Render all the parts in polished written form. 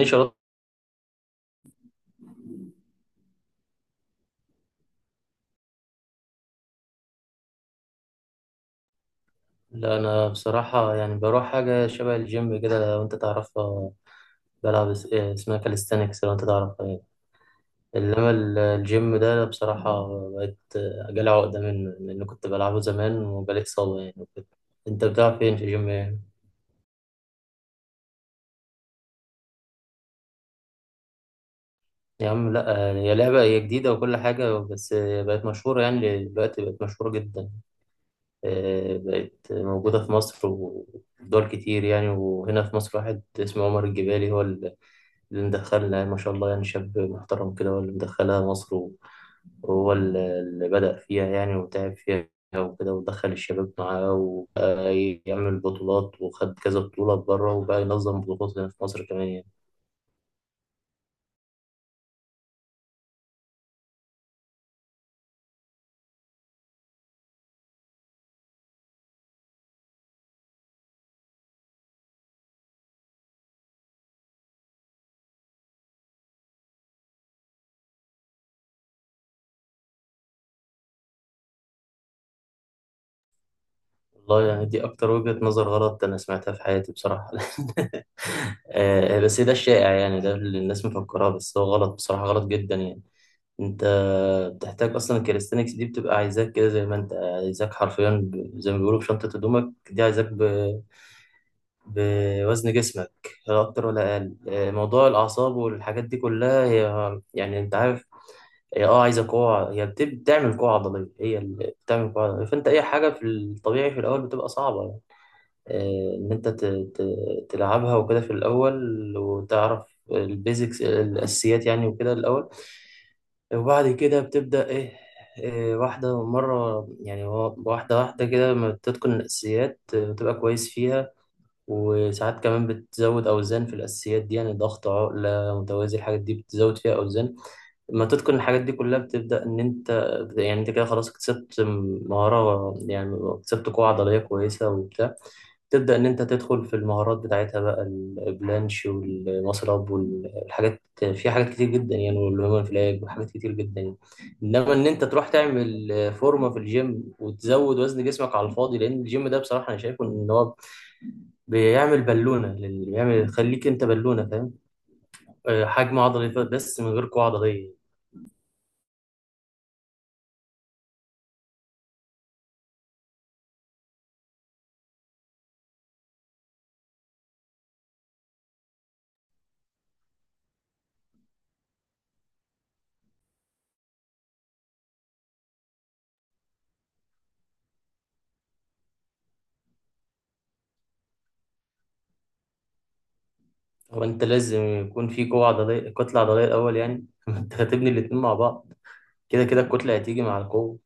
ليش أرد؟ لا، أنا بصراحة يعني بروح حاجة شبه الجيم كده لو أنت تعرفها. بلعب إيه اسمها؟ كاليستانكس، لو أنت تعرفها يعني. إنما الجيم ده بصراحة بقيت جالي عقدة منه، لأن كنت بلعبه زمان وجالي إصابة يعني وكده. أنت بتلعب فين في الجيم يعني؟ يا عم لا، هي لعبة هي جديدة وكل حاجة، بس بقت مشهورة يعني دلوقتي، بقت مشهورة جدا. إيه، بقت موجودة في مصر ودول كتير يعني، وهنا في مصر واحد اسمه عمر الجبالي هو اللي مدخلها، ما شاء الله يعني، شاب محترم كده، هو اللي مدخلها مصر وهو اللي بدأ فيها يعني وتعب فيها وكده، ودخل الشباب معاه وبقى يعمل بطولات وخد كذا بطولة بره وبقى ينظم بطولات هنا في مصر كمان يعني. والله يعني دي أكتر وجهة نظر غلط أنا سمعتها في حياتي بصراحة. آه، بس ده الشائع يعني، ده اللي الناس مفكراه، بس هو غلط بصراحة، غلط جدا يعني. انت بتحتاج اصلا الكاليستنكس دي بتبقى عايزاك كده، زي ما انت عايزاك حرفيا، زي ما بيقولوا بشنطة هدومك دي، عايزاك بوزن جسمك، لا اكتر ولا اقل. آه، موضوع الاعصاب والحاجات دي كلها، هي يعني انت عارف، هي عايزه قوه، هي بتعمل قوه عضليه، هي اللي بتعمل قوه عضليه، فانت اي حاجه في الطبيعي في الاول بتبقى صعبه يعني. آه، ان انت تلعبها وكده في الاول، وتعرف البيزكس، الاساسيات يعني وكده الاول، وبعد كده بتبدأ إيه. إيه، واحدة مرة يعني، واحدة واحدة كده، لما بتتقن الأساسيات آه، بتبقى كويس فيها. وساعات كمان بتزود أوزان في الأساسيات دي يعني، ضغط عقلة متوازي، الحاجات دي بتزود فيها أوزان. لما تتقن الحاجات دي كلها بتبدأ إن أنت، يعني أنت كده خلاص اكتسبت مهارة يعني، اكتسبت قوة عضلية كويسة وبتاع، تبدأ إن أنت تدخل في المهارات بتاعتها بقى، البلانش والمصرب والحاجات، في حاجات كتير جدا يعني والهيومن فلاج وحاجات كتير جدا يعني. إنما إن أنت تروح تعمل فورمة في الجيم وتزود وزن جسمك على الفاضي، لأن الجيم ده بصراحة أنا شايفه إن هو بيعمل بالونة، بيعمل يخليك انت بالونة، فاهم؟ آه، حجم عضلي بس من غير قوة عضلية. هو انت لازم يكون في قوة عضلية، كتلة عضلية الأول يعني. انت هتبني الاتنين مع بعض، كده كده الكتلة هتيجي مع القوة.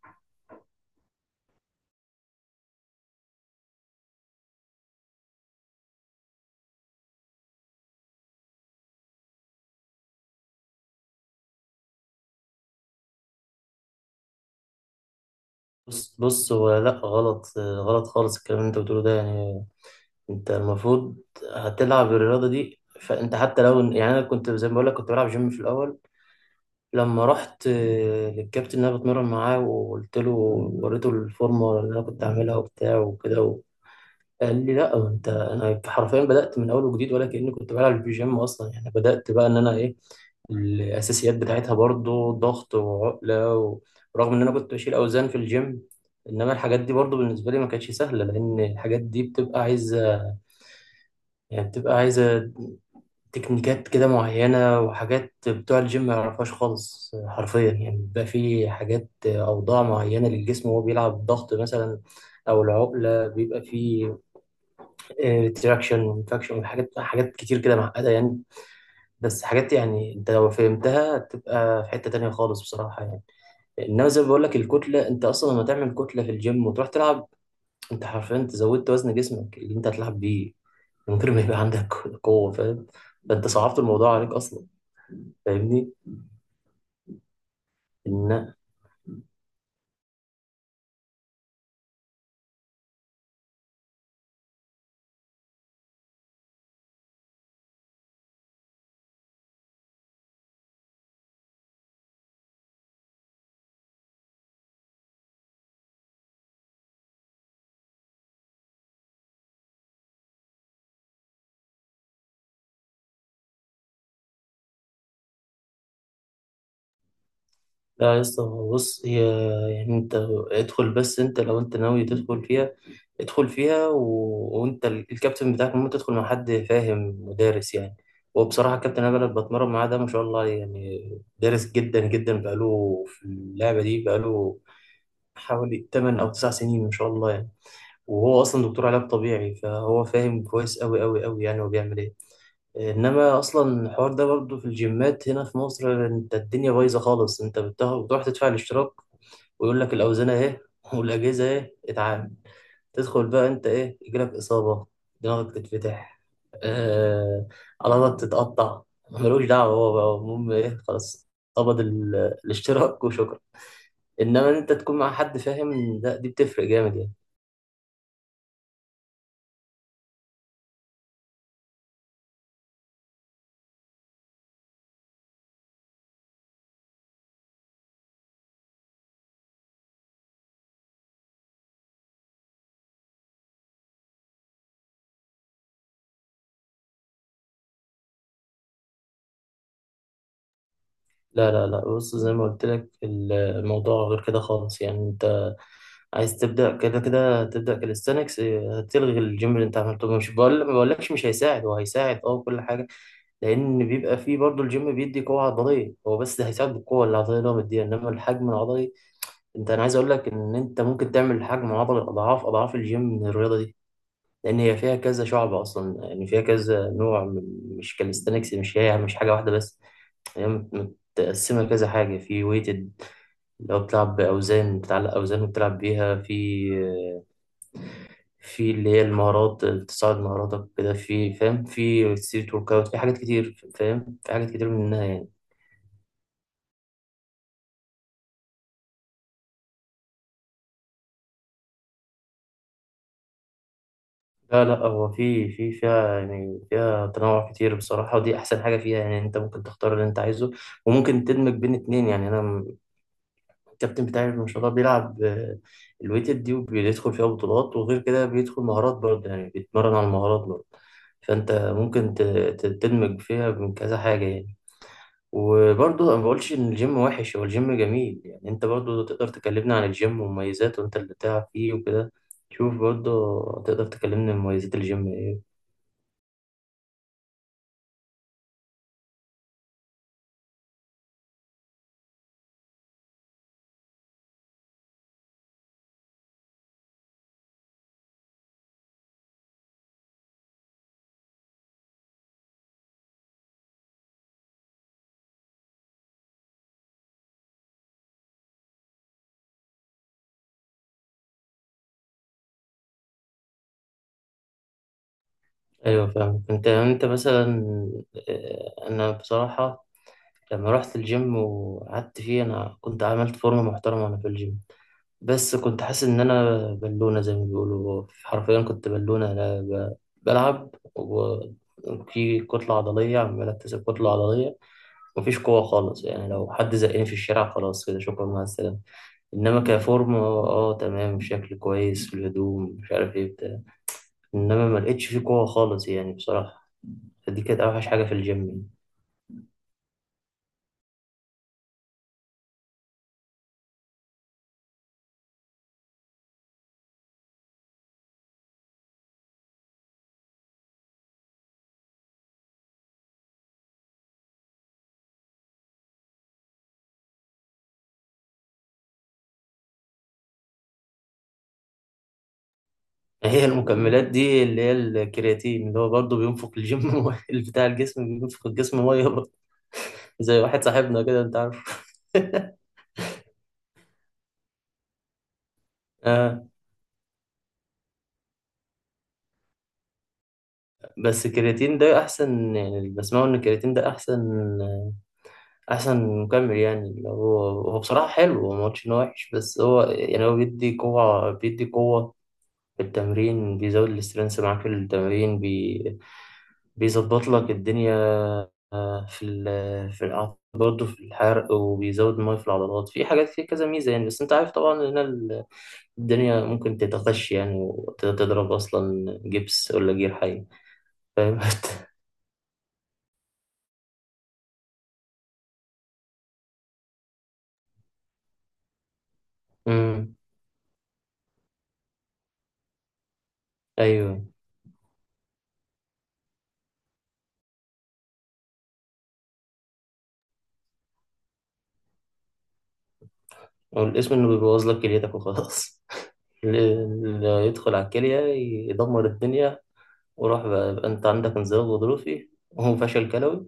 بص بص، هو لا، غلط آه، غلط خالص الكلام اللي انت بتقوله ده يعني. انت المفروض هتلعب الرياضة دي، فانت حتى لو يعني، انا كنت زي ما بقول لك، كنت بلعب جيم في الاول، لما رحت للكابتن اللي انا بتمرن معاه وقلت له، وريته الفورمه اللي انا كنت عاملها وبتاع وكده، قال لي لا انت، انا حرفيا بدات من اول وجديد، ولا كاني كنت بلعب بيجيم اصلا يعني، بدات بقى ان انا ايه، الاساسيات بتاعتها برضو، ضغط وعقله ورغم ان انا كنت بشيل اوزان في الجيم، انما الحاجات دي برضو بالنسبه لي ما كانتش سهله، لان الحاجات دي بتبقى عايزه يعني، بتبقى عايزه تكنيكات كده معينه، وحاجات بتوع الجيم ما يعرفهاش خالص حرفيا يعني، بيبقى في حاجات، اوضاع معينه للجسم وهو بيلعب ضغط مثلا، او العقله، بيبقى في ديراكشن وانفكشن، وحاجات كتير كده معقدة يعني. بس حاجات يعني، انت لو فهمتها تبقى في حتة تانية خالص بصراحة يعني. انما زي ما بقول لك، الكتلة انت اصلا لما تعمل كتلة في الجيم وتروح تلعب، انت حرفيا انت زودت وزن جسمك اللي انت هتلعب بيه، من غير ما يبقى عندك قوة، فاهم؟ ده انت صعبت الموضوع عليك اصلا، فاهمني؟ لا يا اسطى، هو بص، هي يعني انت ادخل بس، انت لو انت ناوي تدخل فيها، ادخل فيها. و... وانت الكابتن بتاعك ممكن تدخل مع حد فاهم ودارس يعني. وبصراحة كابتن انا اللي بتمرن معاه ده، ما شاء الله يعني دارس جدا جدا، بقاله في اللعبة دي بقاله حوالي 8 او 9 سنين ما شاء الله يعني. وهو اصلا دكتور علاج طبيعي، فهو فاهم كويس قوي قوي قوي يعني، هو بيعمل ايه. انما اصلا الحوار ده برضه في الجيمات هنا في مصر، انت الدنيا بايظه خالص، انت بتروح تدفع الاشتراك، ويقول لك الاوزان اهي والاجهزه اهي، اتعامل، تدخل بقى انت، ايه يجيلك اصابه، دماغك تتفتح، آه، عضلاتك تتقطع، ملوش دعوه، هو بقى المهم ايه؟ خلاص، قبض الاشتراك وشكرا. انما ان انت تكون مع حد فاهم، لا دي بتفرق جامد يعني. لا لا لا، بص زي ما قلت لك، الموضوع غير كده خالص يعني، انت عايز تبدا، كده كده تبدا كاليستانكس، هتلغي الجيم اللي انت عملته، مش بقول ما بقولكش مش هيساعد، هو هيساعد اه وكل حاجه، لان بيبقى فيه برضه، الجيم بيدي قوه عضليه هو، بس هيساعد بالقوه العضليه اللي هو مديها. انما الحجم العضلي، انت انا عايز اقول لك ان انت ممكن تعمل حجم عضلي اضعاف اضعاف الجيم من الرياضه دي. لان هي فيها كذا شعب اصلا يعني، فيها كذا نوع مش كاليستانكس، مش هي مش حاجه واحده بس، هي متقسمة كذا حاجة، في ويتد اللي هو بتلعب بأوزان، بتعلق أوزان وبتلعب بيها في اللي هي المهارات، تصعد مهاراتك كده في، فاهم؟ في ستريت ورك أوت، في حاجات كتير، فاهم؟ في حاجات كتير منها يعني. لا لا، هو في في فيها يعني، فيها تنوع كتير بصراحة، ودي أحسن حاجة فيها يعني، أنت ممكن تختار اللي أنت عايزه، وممكن تدمج بين اتنين يعني. أنا الكابتن بتاعي ما شاء الله بيلعب الويتد دي، وبيدخل فيها بطولات، وغير كده بيدخل مهارات برضه يعني، بيتمرن على المهارات برضه. فأنت ممكن تدمج فيها من كذا حاجة يعني. وبرضه أنا ما بقولش إن الجيم وحش، هو الجيم جميل يعني، أنت برضه تقدر تكلمنا عن الجيم ومميزاته، وأنت اللي بتلعب فيه وكده. شوف برضه، تقدر تكلمنا عن مميزات الجيم إيه. أيوه فاهم، أنت يعني، أنت مثلا، أنا بصراحة لما رحت الجيم وقعدت فيه، أنا كنت عملت فورمة محترمة وأنا في الجيم، بس كنت حاسس ان انا بالونة، زي ما بيقولوا حرفيا كنت بالونة، انا بلعب وفي كتلة عضلية عمال اكتسب كتلة عضلية، مفيش قوة خالص يعني، لو حد زقني في الشارع خلاص كده شكرا مع السلامة. انما كفورم تمام، شكل كويس في الهدوم مش عارف ايه بتاع، انما ما لقيتش فيه قوة خالص يعني بصراحة. فدي كانت اوحش حاجة في الجيم. هي المكملات دي اللي هي الكرياتين، اللي هو برضه بينفق الجيم مية، اللي بتاع الجسم بينفق الجسم ميه برضه، زي واحد صاحبنا كده انت عارف. آه، بس الكرياتين ده احسن يعني، اللي بسمعه ان الكرياتين ده احسن، احسن مكمل يعني اللي هو، هو بصراحه حلو، هو ما قلتش ان هو وحش، بس هو يعني هو بيدي قوه في التمرين، بيزود الاسترنس معاك في التمرين، بيظبط لك الدنيا. آه، في ال في الع- برضه في الحرق، وبيزود المية في العضلات في حاجات، فيه كذا ميزة يعني. بس أنت عارف طبعا إن الدنيا ممكن تتخش يعني وتضرب أصلا جبس ولا جير حي، فاهم؟ أمم، أيوه. والاسم إنه بيبوظ لك كليتك وخلاص. اللي يدخل على الكلية يدمر الدنيا، وراح بقى، يبقى أنت عندك انزلاق غضروفي وهو فشل كلوي،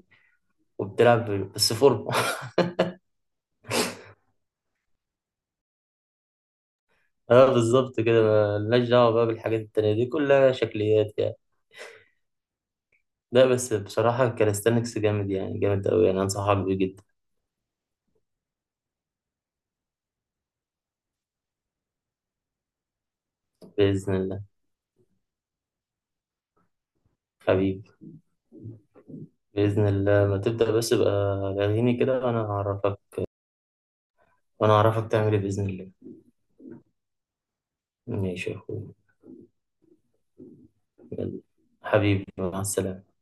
وبتلعب بس فورمة. اه بالظبط كده، ملناش دعوة بقى بالحاجات التانية دي كلها شكليات. لا بس بصراحة كاليستانكس جامد يعني، جامد أوي يعني، أنصحك بيه جدا. بإذن الله حبيبي. بإذن الله ما تبدأ بس يبقى لاغيني كده، وأنا هعرفك تعمل إيه بإذن الله. ماشي يا أخويا. يلا. حبيبي مع السلامة.